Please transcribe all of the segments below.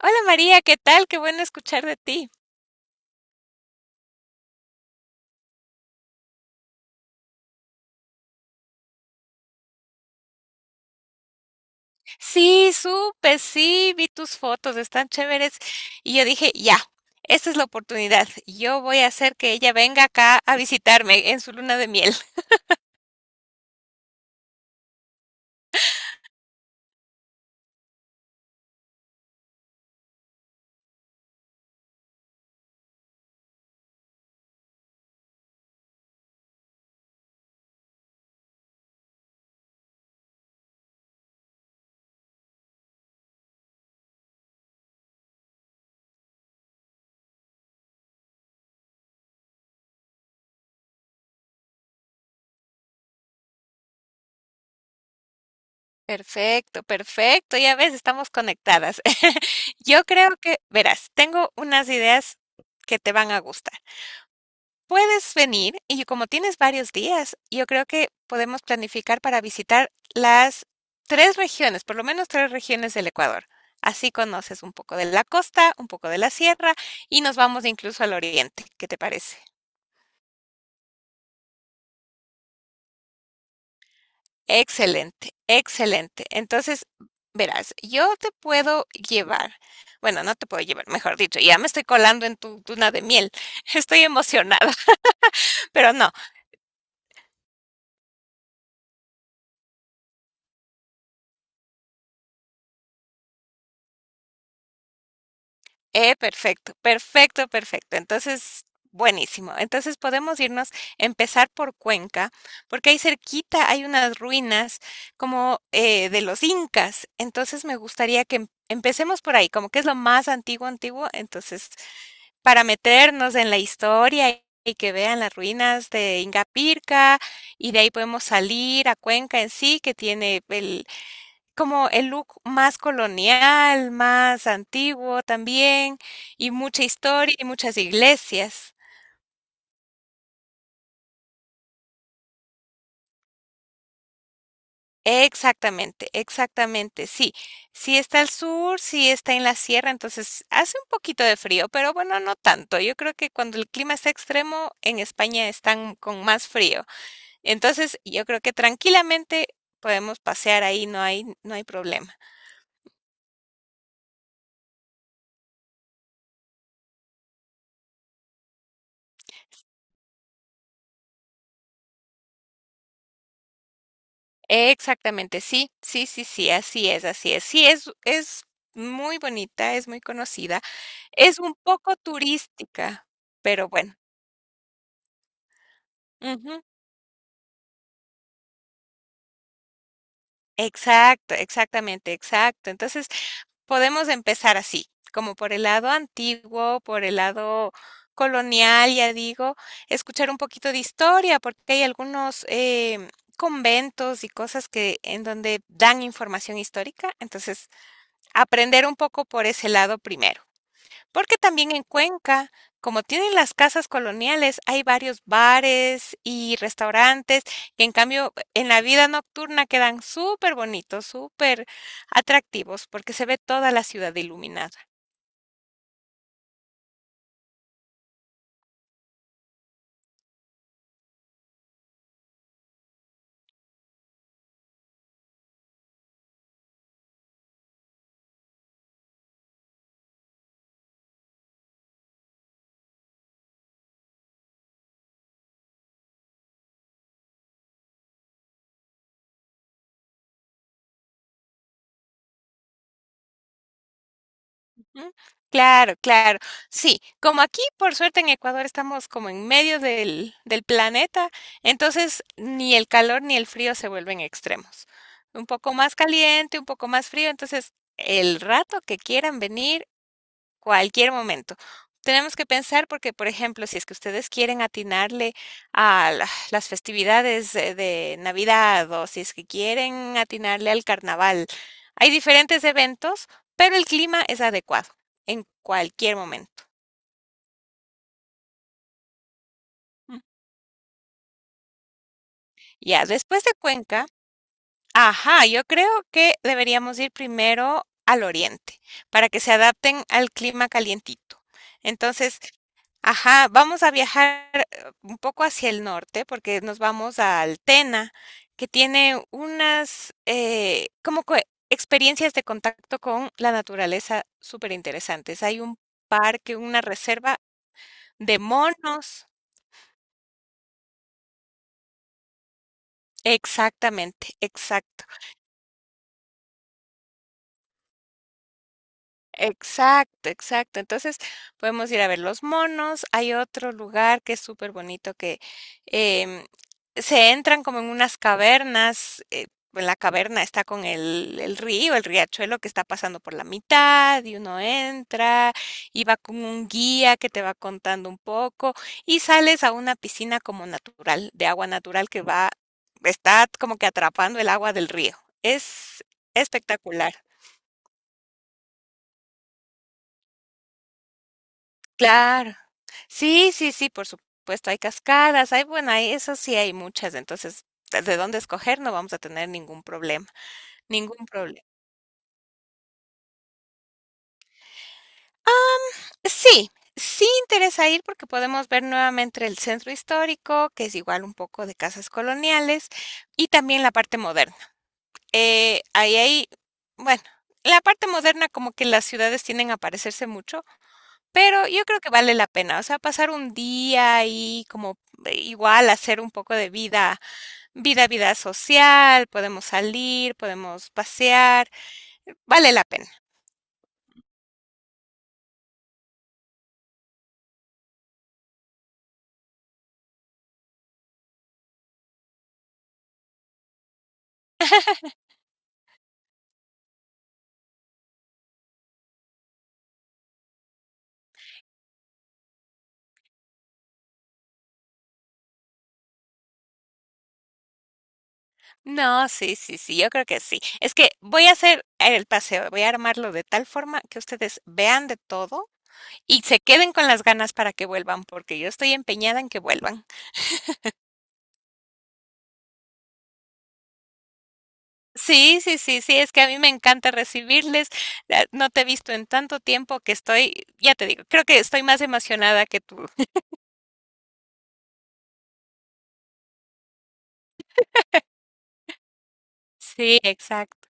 Hola María, ¿qué tal? Qué bueno escuchar de ti. Sí, supe, sí, vi tus fotos, están chéveres. Y yo dije, ya, esta es la oportunidad. Yo voy a hacer que ella venga acá a visitarme en su luna de miel. Perfecto, perfecto, ya ves, estamos conectadas. Yo creo que, verás, tengo unas ideas que te van a gustar. Puedes venir y como tienes varios días, yo creo que podemos planificar para visitar las tres regiones, por lo menos tres regiones del Ecuador. Así conoces un poco de la costa, un poco de la sierra y nos vamos incluso al oriente. ¿Qué te parece? Excelente, excelente. Entonces, verás, yo te puedo llevar, bueno, no te puedo llevar, mejor dicho, ya me estoy colando en tu luna de miel. Estoy emocionada, pero no. Perfecto, perfecto, perfecto. Entonces, buenísimo. Entonces podemos irnos, empezar por Cuenca, porque ahí cerquita hay unas ruinas como de los incas. Entonces me gustaría que empecemos por ahí, como que es lo más antiguo, antiguo. Entonces, para meternos en la historia y que vean las ruinas de Ingapirca, y de ahí podemos salir a Cuenca en sí, que tiene el como el look más colonial, más antiguo también, y mucha historia y muchas iglesias. Exactamente, exactamente, sí. Sí está al sur, sí está en la sierra, entonces hace un poquito de frío, pero bueno, no tanto. Yo creo que cuando el clima está extremo, en España están con más frío. Entonces, yo creo que tranquilamente podemos pasear ahí, no hay, no hay problema. Exactamente, sí, sí, sí, sí, así es, así es. Sí, es muy bonita, es muy conocida, es un poco turística, pero bueno. Ujú. Exacto, exactamente, exacto. Entonces, podemos empezar así, como por el lado antiguo, por el lado colonial, ya digo, escuchar un poquito de historia, porque hay algunos conventos y cosas que en donde dan información histórica, entonces aprender un poco por ese lado primero. Porque también en Cuenca, como tienen las casas coloniales, hay varios bares y restaurantes que en cambio en la vida nocturna quedan súper bonitos, súper atractivos, porque se ve toda la ciudad iluminada. Ujú. Claro, claro. Sí, como aquí, por suerte en Ecuador estamos como en medio del planeta, entonces ni el calor ni el frío se vuelven extremos. Un poco más caliente, un poco más frío, entonces el rato que quieran venir. Cualquier momento. Tenemos que pensar porque, por ejemplo, si es que ustedes quieren atinarle las festividades de Navidad o si es que quieren atinarle al carnaval, hay diferentes eventos, pero el clima es adecuado en cualquier momento. ¿M? Ya, después de Cuenca, ajá, yo creo que deberíamos ir primero al oriente para que se adapten al clima calientito. Entonces, ajá, vamos a viajar un poco hacia el norte porque nos vamos a Altena, que tiene unas como que experiencias de contacto con la naturaleza súper interesantes. Hay un parque, una reserva de monos. Exactamente, exacto. Exacto, exacto. Entonces, podemos ir a ver los monos. Hay otro lugar que es súper bonito que em, se entran como en unas cavernas. En la caverna está con el río, el riachuelo que está pasando por la mitad y uno entra y va con un guía que te va contando un poco y sales a una piscina como natural, de agua natural que va, está como que atrapando el agua del río. Es espectacular. Claro. Sí, sí, sí, por supuesto, hay cascadas, hay, bueno, hay eso sí hay muchas, entonces, de dónde escoger no vamos a tener ningún problema, ningún problema. Sí, sí interesa ir porque podemos ver nuevamente el centro histórico, que es igual un poco de casas coloniales, y también la parte moderna. Ahí hay, bueno, la parte moderna como que las ciudades tienden a parecerse mucho, pero yo creo que vale la pena, o sea, pasar un día ahí como igual hacer un poco de vida, vida social, podemos salir, podemos pasear, vale la pena. No, sí, sí, sí, yo creo que sí. Es que voy a hacer el paseo, voy a armarlo de tal forma que ustedes vean de todo y se queden con las ganas para que vuelvan, porque yo estoy empeñada en que vuelvan. Sí, sí, sí, sí, es que a mí me encanta recibirles. Ah, no te he visto en tanto tiempo que estoy, ya te digo, creo que estoy más emocionada que tú. Sí, exacto.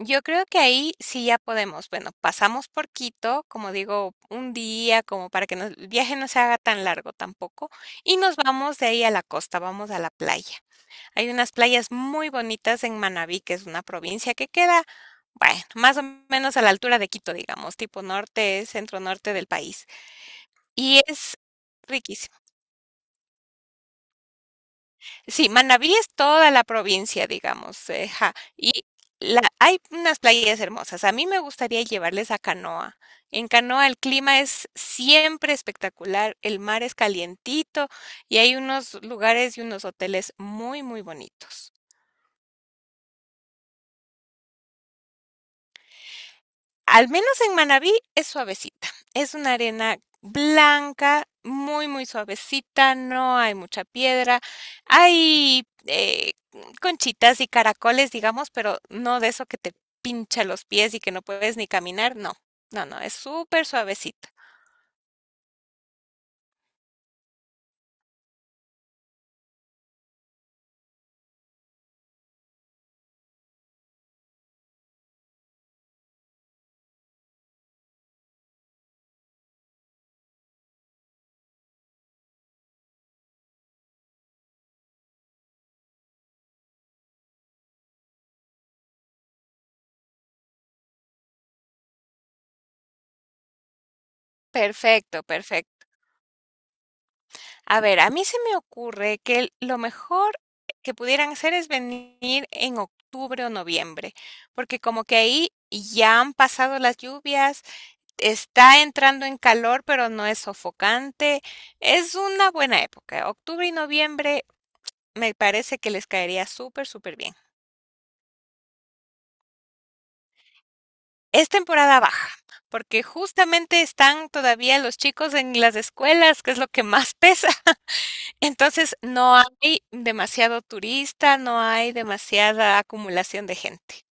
Yo creo que ahí sí ya podemos. Bueno, pasamos por Quito, como digo, un día, como para que el viaje no se haga tan largo tampoco, y nos vamos de ahí a la costa, vamos a la playa. Hay unas playas muy bonitas en Manabí, que es una provincia que queda, bueno, más o menos a la altura de Quito, digamos, tipo norte, centro norte del país. Y es riquísimo. Sí, Manabí es toda la provincia, digamos, ja, y la, hay unas playas hermosas. A mí me gustaría llevarles a Canoa. En Canoa el clima es siempre espectacular, el mar es calientito y hay unos lugares y unos hoteles muy, muy bonitos. Al menos en Manabí es suavecita. Es una arena blanca, muy, muy suavecita, no hay mucha piedra. Hay conchitas y caracoles, digamos, pero no de eso que te pincha los pies y que no puedes ni caminar, no. No, no, es súper suavecita. Perfecto, perfecto. A ver, a mí se me ocurre que lo mejor que pudieran hacer es venir en octubre o noviembre, porque como que ahí ya han pasado las lluvias, está entrando en calor, pero no es sofocante. Es una buena época. Octubre y noviembre me parece que les caería súper, súper bien. Es temporada baja, porque justamente están todavía los chicos en las escuelas, que es lo que más pesa. Entonces no hay demasiado turista, no hay demasiada acumulación de gente.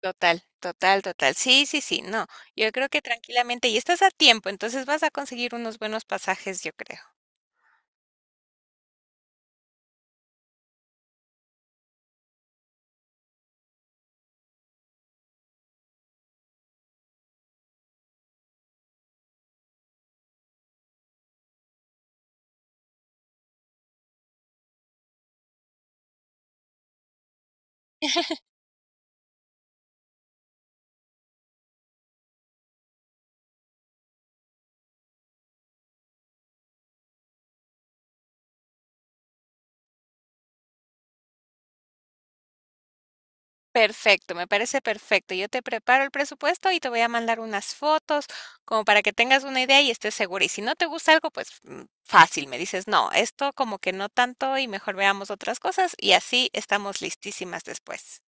Total, total, total. Sí, sí, sí, no. Yo creo que tranquilamente, y estás a tiempo, entonces vas a conseguir unos buenos pasajes, yo creo. Perfecto, me parece perfecto. Yo te preparo el presupuesto y te voy a mandar unas fotos como para que tengas una idea y estés segura. Y si no te gusta algo, pues fácil, me dices, no, esto como que no tanto y mejor veamos otras cosas y así estamos listísimas después.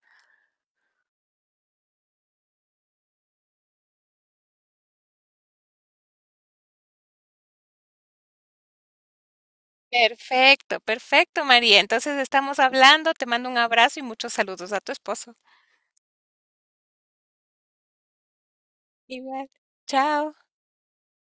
Perfecto, perfecto, María. Entonces estamos hablando, te mando un abrazo y muchos saludos a tu esposo. Igual. Chao.